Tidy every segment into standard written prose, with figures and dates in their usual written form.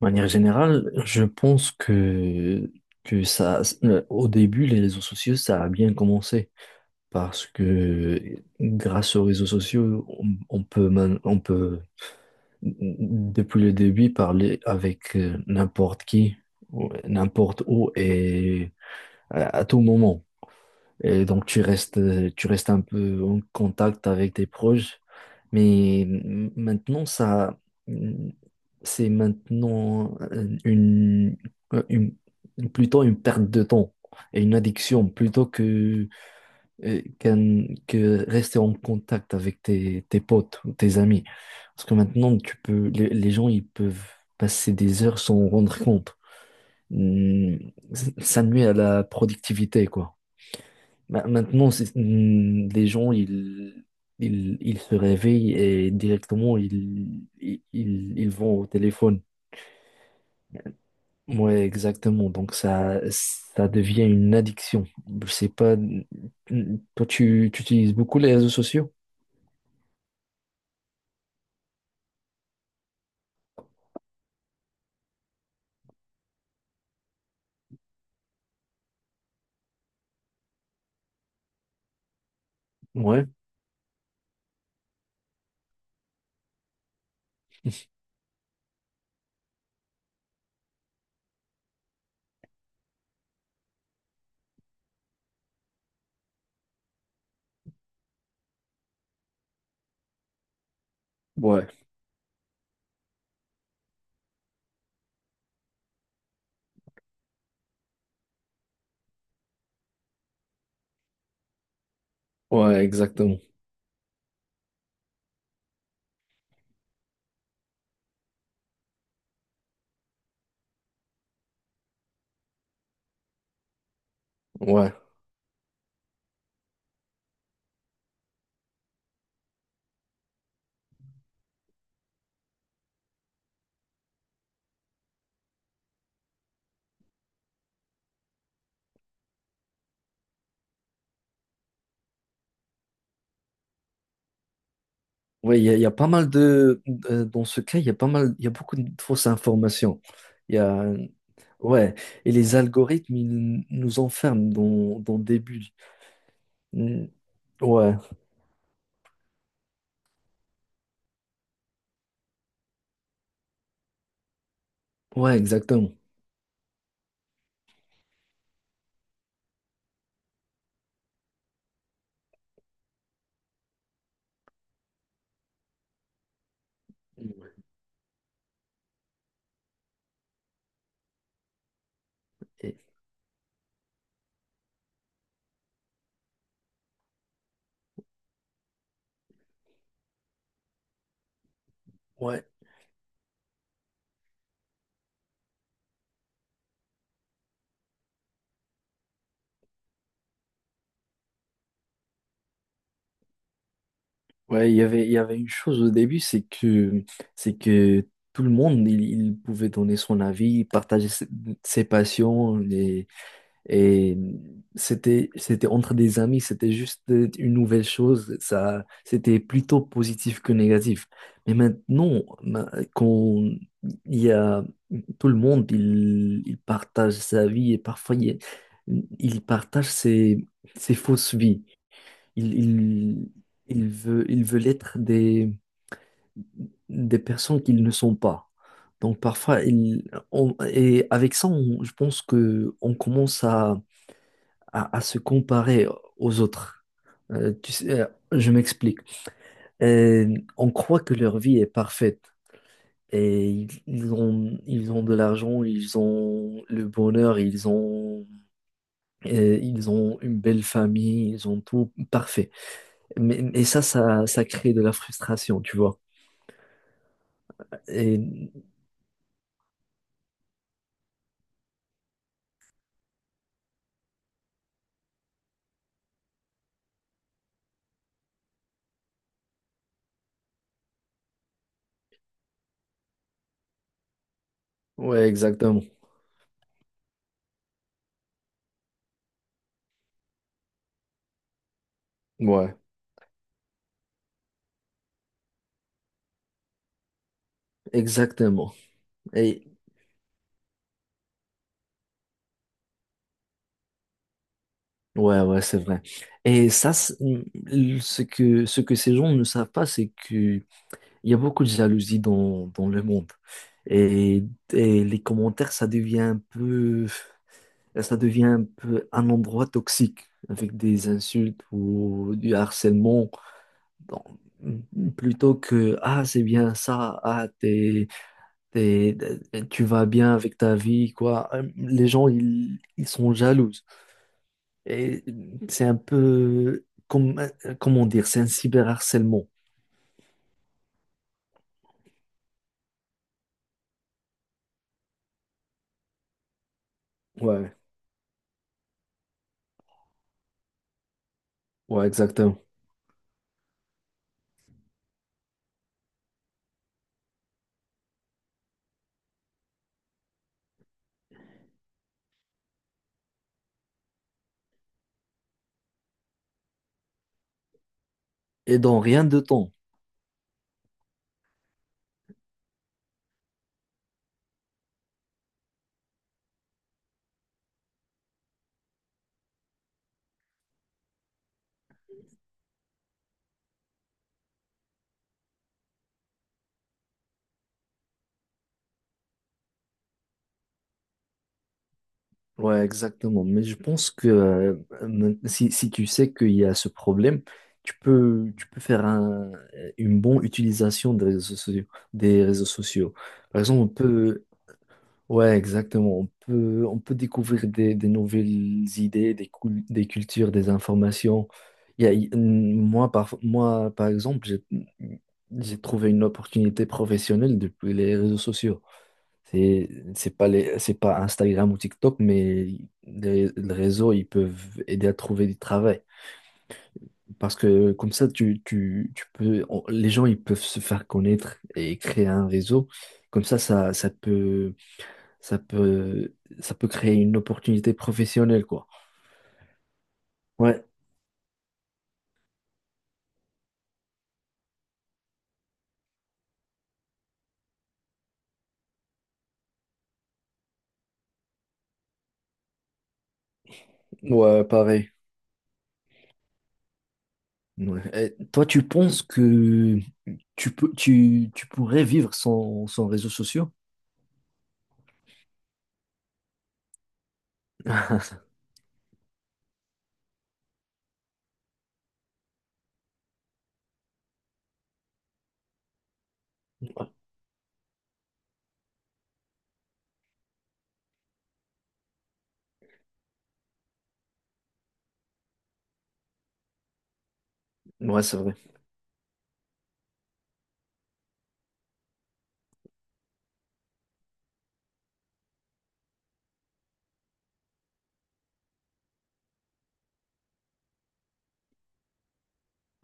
De manière générale, je pense que au début, les réseaux sociaux, ça a bien commencé parce que grâce aux réseaux sociaux, on peut, on peut, depuis le début, parler avec n'importe qui, n'importe où et à tout moment. Et donc, tu restes un peu en contact avec tes proches. Mais maintenant, mmh, c'est euh, une- plutôt une perte de temps et une addiction plutôt que rester en contact avec tes potes ou tes amis. Parce que maintenant, les gens, ils peuvent passer des heures sans rendre compte. Hum, Ça nuit à la productivité, quoi. Maintenant, les gens, ils se réveillent et directement, ils vont au téléphone. Ouais, exactement. Donc, ça devient une addiction. Je sais pas. Tu utilises beaucoup les réseaux sociaux? Ouais, ouais, ouais, exactement. Ouais. Oui, il y a pas mal de… Dans ce cas, il y a pas mal… Il y a beaucoup de fausses informations. Il y a… Ouais, et les algorithmes, ils nous enferment dans des bulles. Mm. Ouais, ouais, exactement. Et- ouais, ouais, il y avait une chose au début, c'est que tout le monde, il pouvait donner son avis, partager ses passions. Et c'était, c'était entre des amis, c'était juste une nouvelle chose. Ça, c'était plutôt positif que négatif. Mais maintenant, quand il y a tout le monde, il partage sa vie et parfois il partage ses fausses vies. Il, il, il veut, il veut l'être des personnes qu'ils ne sont pas. Donc parfois, il, on- et avec ça, je pense que on commence à à se comparer aux autres. Euh, tu sais, euh, je m'explique. On croit que leur vie est parfaite et ils ont de l'argent, ils ont le bonheur, ils ont une belle famille, ils ont tout parfait. Ça crée de la frustration, tu vois. Et ouais, exactement. Ouais, exactement. Et ouais, ouais, c'est vrai. Et ça, c'est- ce que ces gens ne savent pas, c'est que Il y a beaucoup de jalousie dans le monde. Et, et les commentaires, ça devient un peu un endroit toxique avec des insultes ou du harcèlement. Donc, plutôt que, ah, c'est bien ça, t'es- tu vas bien avec ta vie, quoi. Les gens, ils sont jaloux. Et c'est un peu, comme, comment dire, c'est un cyberharcèlement. Ouais, ouais, exactement. Et dans rien de temps. Ouais, exactement. Mais je pense que si, si tu sais qu'il y a ce problème, tu peux faire une bonne utilisation des réseaux sociaux, des réseaux sociaux. Par exemple, on peut, ouais, exactement. On peut découvrir des nouvelles idées, des cultures, des informations. Il y a- il- moi, par exemple, j'ai trouvé une opportunité professionnelle depuis les réseaux sociaux. C'est, c'est pas Instagram ou TikTok, mais les réseaux, ils peuvent aider à trouver du travail. Parce que comme ça, les gens, ils peuvent se faire connaître et créer un réseau. Comme ça, ça peut, ça peut créer une opportunité professionnelle, quoi. Ouais, ouais, pareil. Ouais. Et toi, tu penses que tu pourrais vivre sans, sans réseaux sociaux? Ouais, c'est vrai.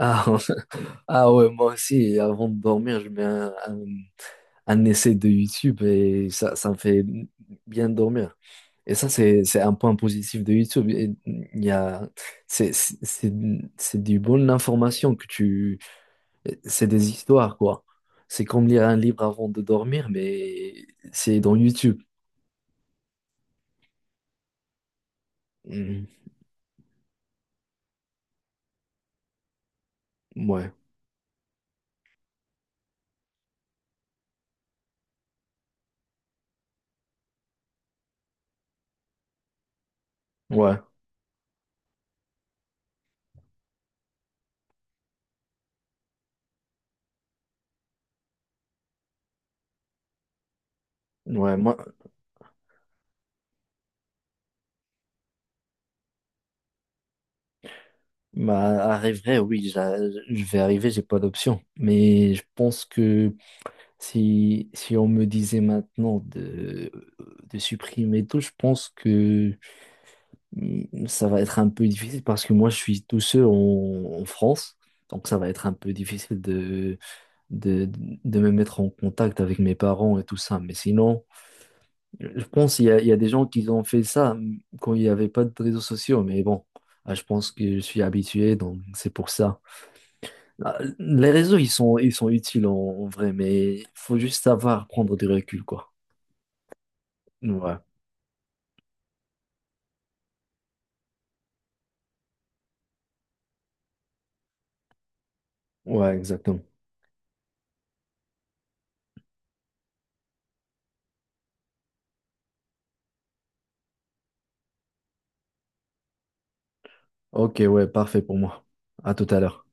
Ah, ah ouais, moi aussi, avant de dormir, je mets un essai de YouTube et ça me fait bien dormir. Et ça, c'est un point positif de YouTube. Et Il y a, c'est, c'est, c'est c'est du bonne information que c'est des histoires, quoi. C'est comme lire un livre avant de dormir, mais c'est dans YouTube. Mhm. Ouais, ouais, ouais. Moi, bah, arriverai, oui, je vais arriver, j'ai pas d'option. Mais je pense que si, si on me disait maintenant de supprimer tout, je pense que ça va être un peu difficile parce que moi je suis tout seul en, en France, donc ça va être un peu difficile de, de me mettre en contact avec mes parents et tout ça. Mais sinon, je pense il y a des gens qui ont fait ça quand il n'y avait pas de réseaux sociaux, mais bon, ah, je pense que je suis habitué, donc c'est pour ça. Ah, les réseaux, ils sont utiles en, en vrai, mais il faut juste savoir prendre du recul, quoi. Ouais, ouais, exactement. Ok, ouais, parfait pour moi. À tout à l'heure.